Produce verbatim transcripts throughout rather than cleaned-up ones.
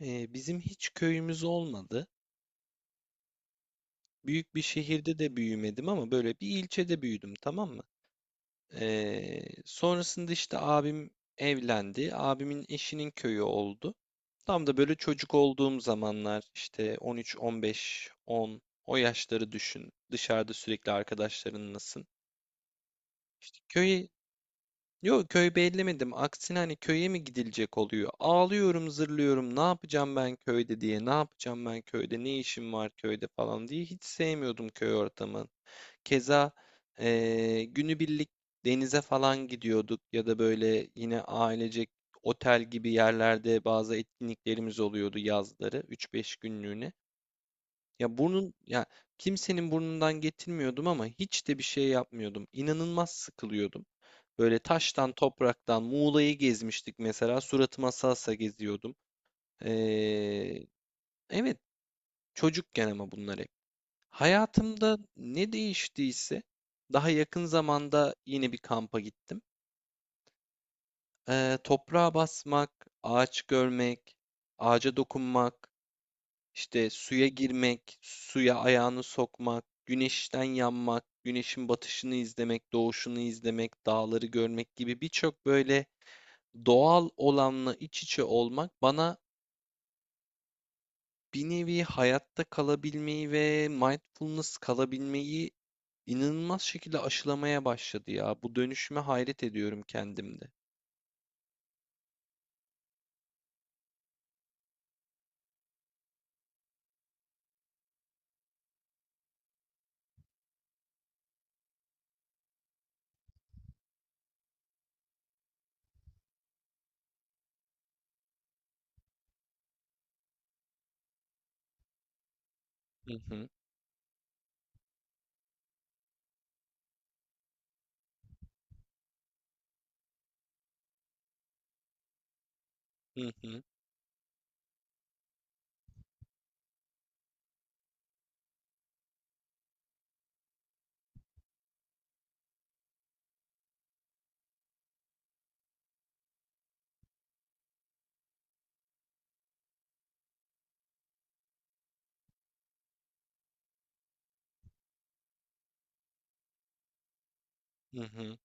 Ee, bizim hiç köyümüz olmadı. Büyük bir şehirde de büyümedim ama böyle bir ilçede büyüdüm, tamam mı? Ee, sonrasında işte abim evlendi. Abimin eşinin köyü oldu. Tam da böyle çocuk olduğum zamanlar işte on üç, on beş, on o yaşları düşün. Dışarıda sürekli arkadaşlarınlasın. İşte köye Yok, köy bellemedim. Aksine hani köye mi gidilecek oluyor? Ağlıyorum, zırlıyorum. Ne yapacağım ben köyde diye. Ne yapacağım ben köyde? Ne işim var köyde falan diye. Hiç sevmiyordum köy ortamını. Keza eee günübirlik denize falan gidiyorduk ya da böyle yine ailecek otel gibi yerlerde bazı etkinliklerimiz oluyordu yazları üç beş günlüğüne. Ya burnun ya Kimsenin burnundan getirmiyordum ama hiç de bir şey yapmıyordum. İnanılmaz sıkılıyordum. Böyle taştan, topraktan, Muğla'yı gezmiştik mesela. Suratıma salsa geziyordum. Ee, evet, çocukken ama bunlar hep. Hayatımda ne değiştiyse daha yakın zamanda yine bir kampa gittim. Ee, toprağa basmak, ağaç görmek, ağaca dokunmak, işte suya girmek, suya ayağını sokmak, güneşten yanmak, güneşin batışını izlemek, doğuşunu izlemek, dağları görmek gibi birçok böyle. Doğal olanla iç içe olmak bana bir nevi hayatta kalabilmeyi ve mindfulness kalabilmeyi inanılmaz şekilde aşılamaya başladı ya. Bu dönüşüme hayret ediyorum kendimde. Hı hı, hı hı, hı hı.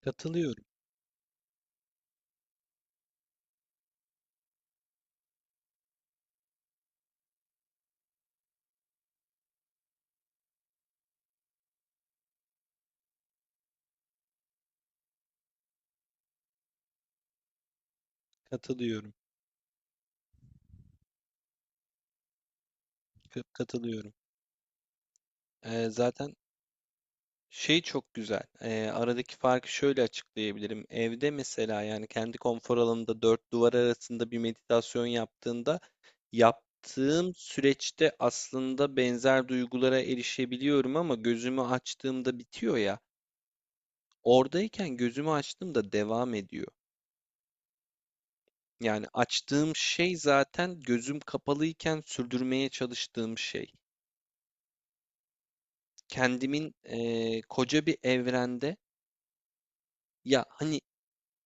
Katılıyorum, katılıyorum, ka- katılıyorum. Ee, zaten Şey çok güzel. Eee, aradaki farkı şöyle açıklayabilirim. Evde mesela yani kendi konfor alanında dört duvar arasında bir meditasyon yaptığında yaptığım süreçte aslında benzer duygulara erişebiliyorum ama gözümü açtığımda bitiyor ya. Oradayken gözümü açtığımda devam ediyor. Yani açtığım şey zaten gözüm kapalıyken sürdürmeye çalıştığım şey. Kendimin eee, koca bir evrende ya hani.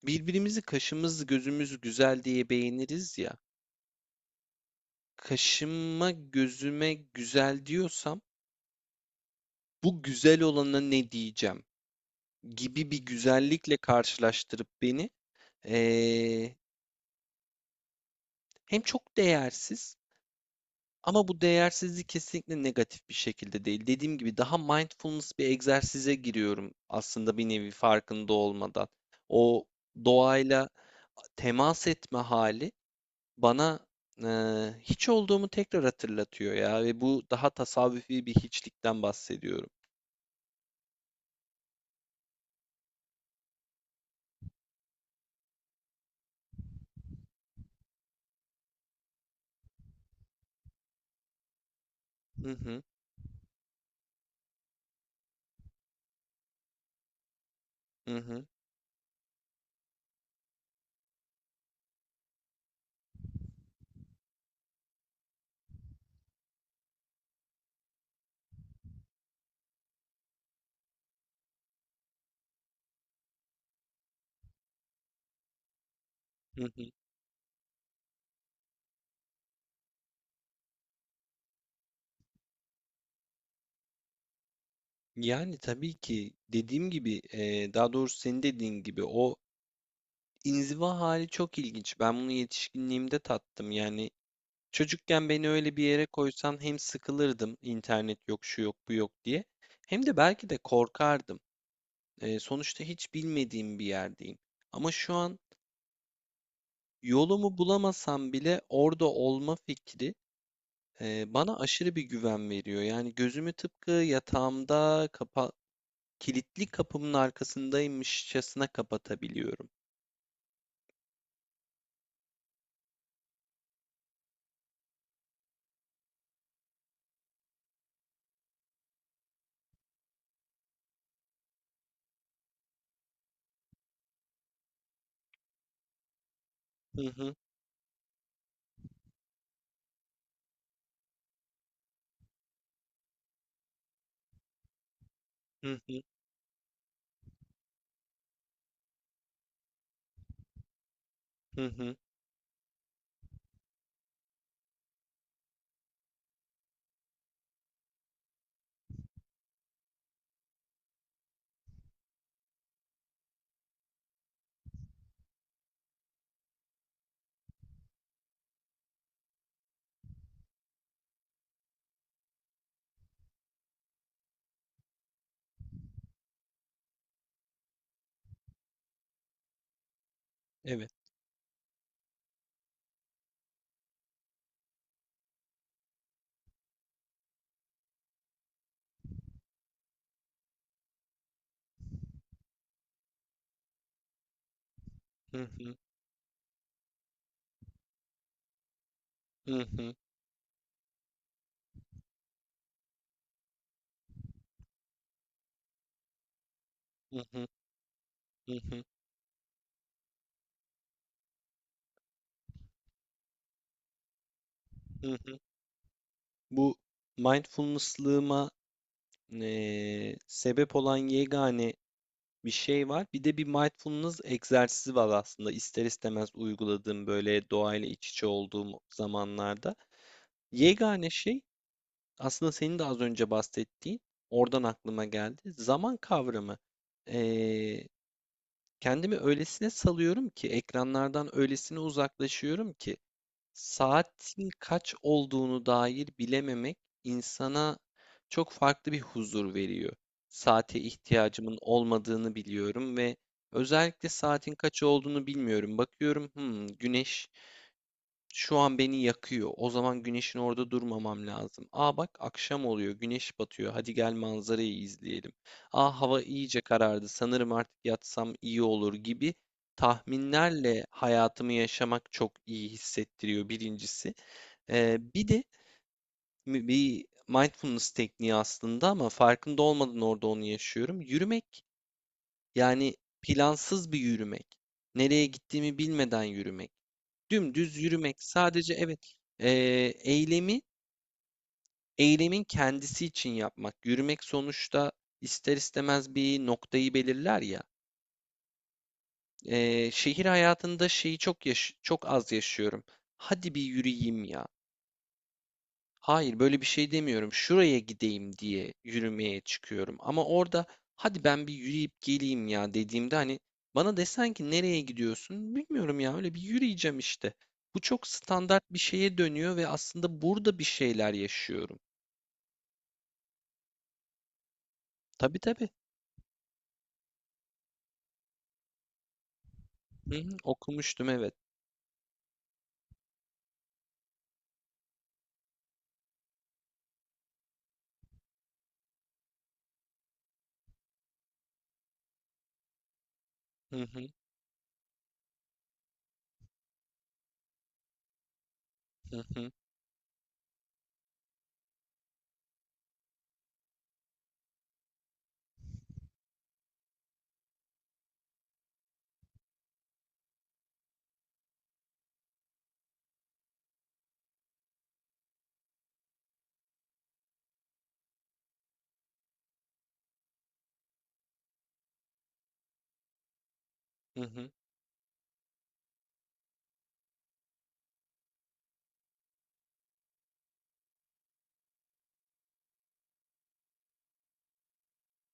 Birbirimizi kaşımız gözümüz güzel diye beğeniriz ya. Kaşıma gözüme güzel diyorsam bu güzel olana ne diyeceğim gibi bir güzellikle karşılaştırıp beni eee, hem çok değersiz, ama bu değersizlik kesinlikle negatif bir şekilde değil. Dediğim gibi daha mindfulness bir egzersize giriyorum aslında bir nevi farkında olmadan. O doğayla temas etme hali bana eee, hiç olduğumu tekrar hatırlatıyor ya ve bu daha tasavvufi bir hiçlikten bahsediyorum. Hı hı, hı hı, hı hı. Yani tabii ki dediğim gibi eee, daha doğrusu senin dediğin gibi o inziva hali çok ilginç. Ben bunu yetişkinliğimde tattım. Yani çocukken beni öyle bir yere koysan hem sıkılırdım internet yok şu yok bu yok diye hem de belki de korkardım. Eee, sonuçta hiç bilmediğim bir yerdeyim. Ama şu an yolumu bulamasam bile orada olma fikri e, bana aşırı bir güven veriyor. Yani gözümü tıpkı yatağımda kapa kilitli kapımın arkasındaymışçasına kapatabiliyorum. Hı hı, hı hı, hı hı. Evet. Hı hı, hı hı, hı hı, hı hı, hı hı. Bu mindfulness'lığıma eee, sebep olan yegane bir şey var. Bir de bir mindfulness egzersizi var aslında ister istemez uyguladığım böyle doğayla iç içe olduğum zamanlarda. Yegane şey aslında senin de az önce bahsettiğin oradan aklıma geldi. Zaman kavramı. Ee, Kendimi öylesine salıyorum ki ekranlardan öylesine uzaklaşıyorum ki saatin kaç olduğunu dair bilememek insana çok farklı bir huzur veriyor. Saate ihtiyacımın olmadığını biliyorum ve özellikle saatin kaç olduğunu bilmiyorum. Bakıyorum, hmm, güneş şu an beni yakıyor. O zaman güneşin orada durmamam lazım. Aa bak, akşam oluyor, güneş batıyor. Hadi gel manzarayı izleyelim. Aa hava iyice karardı. Sanırım artık yatsam iyi olur gibi tahminlerle hayatımı yaşamak çok iyi hissettiriyor birincisi. Ee, bir de mi- bir mindfulness tekniği aslında ama farkında olmadan orada onu yaşıyorum. Yürümek yani plansız bir yürümek. Nereye gittiğimi bilmeden yürümek. Dümdüz yürümek. Sadece evet, eee, eylemi eylemin kendisi için yapmak. Yürümek sonuçta ister istemez bir noktayı belirler ya. Eee, şehir hayatında şeyi çok yaş- çok az yaşıyorum. Hadi bir yürüyeyim ya. Hayır, böyle bir şey demiyorum. Şuraya gideyim diye yürümeye çıkıyorum. Ama orada hadi ben bir yürüyüp geleyim ya dediğimde hani bana desen ki nereye gidiyorsun? Bilmiyorum ya, öyle bir yürüyeceğim işte. Bu çok standart bir şeye dönüyor ve aslında burada bir şeyler yaşıyorum. Tabii tabii. Hı hı, okumuştum, evet. Hı hı, hı hı, hı hı,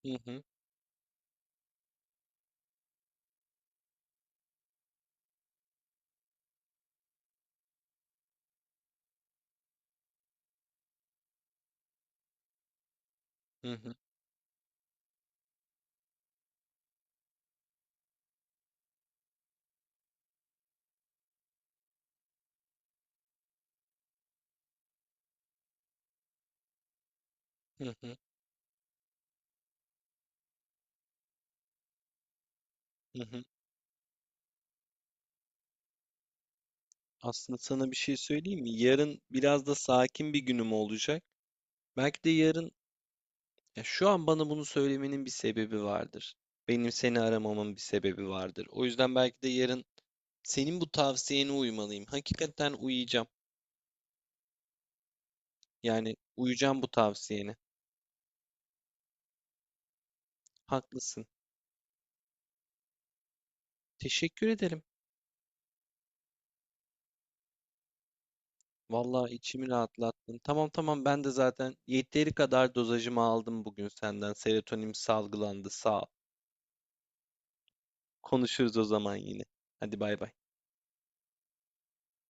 hı hı, hı hı, hı hı, hı hı. Aslında sana bir şey söyleyeyim mi? Yarın biraz da sakin bir günüm olacak. Belki de yarın Ya şu an bana bunu söylemenin bir sebebi vardır. Benim seni aramamın bir sebebi vardır. O yüzden belki de yarın senin bu tavsiyene uymalıyım. Hakikaten uyuyacağım. Yani uyuyacağım bu tavsiyene. Haklısın. Teşekkür ederim. Vallahi içimi rahatlattın. Tamam tamam, ben de zaten yeteri kadar dozajımı aldım bugün senden. Serotonin salgılandı. Sağ ol. Konuşuruz o zaman yine. Hadi bay bay.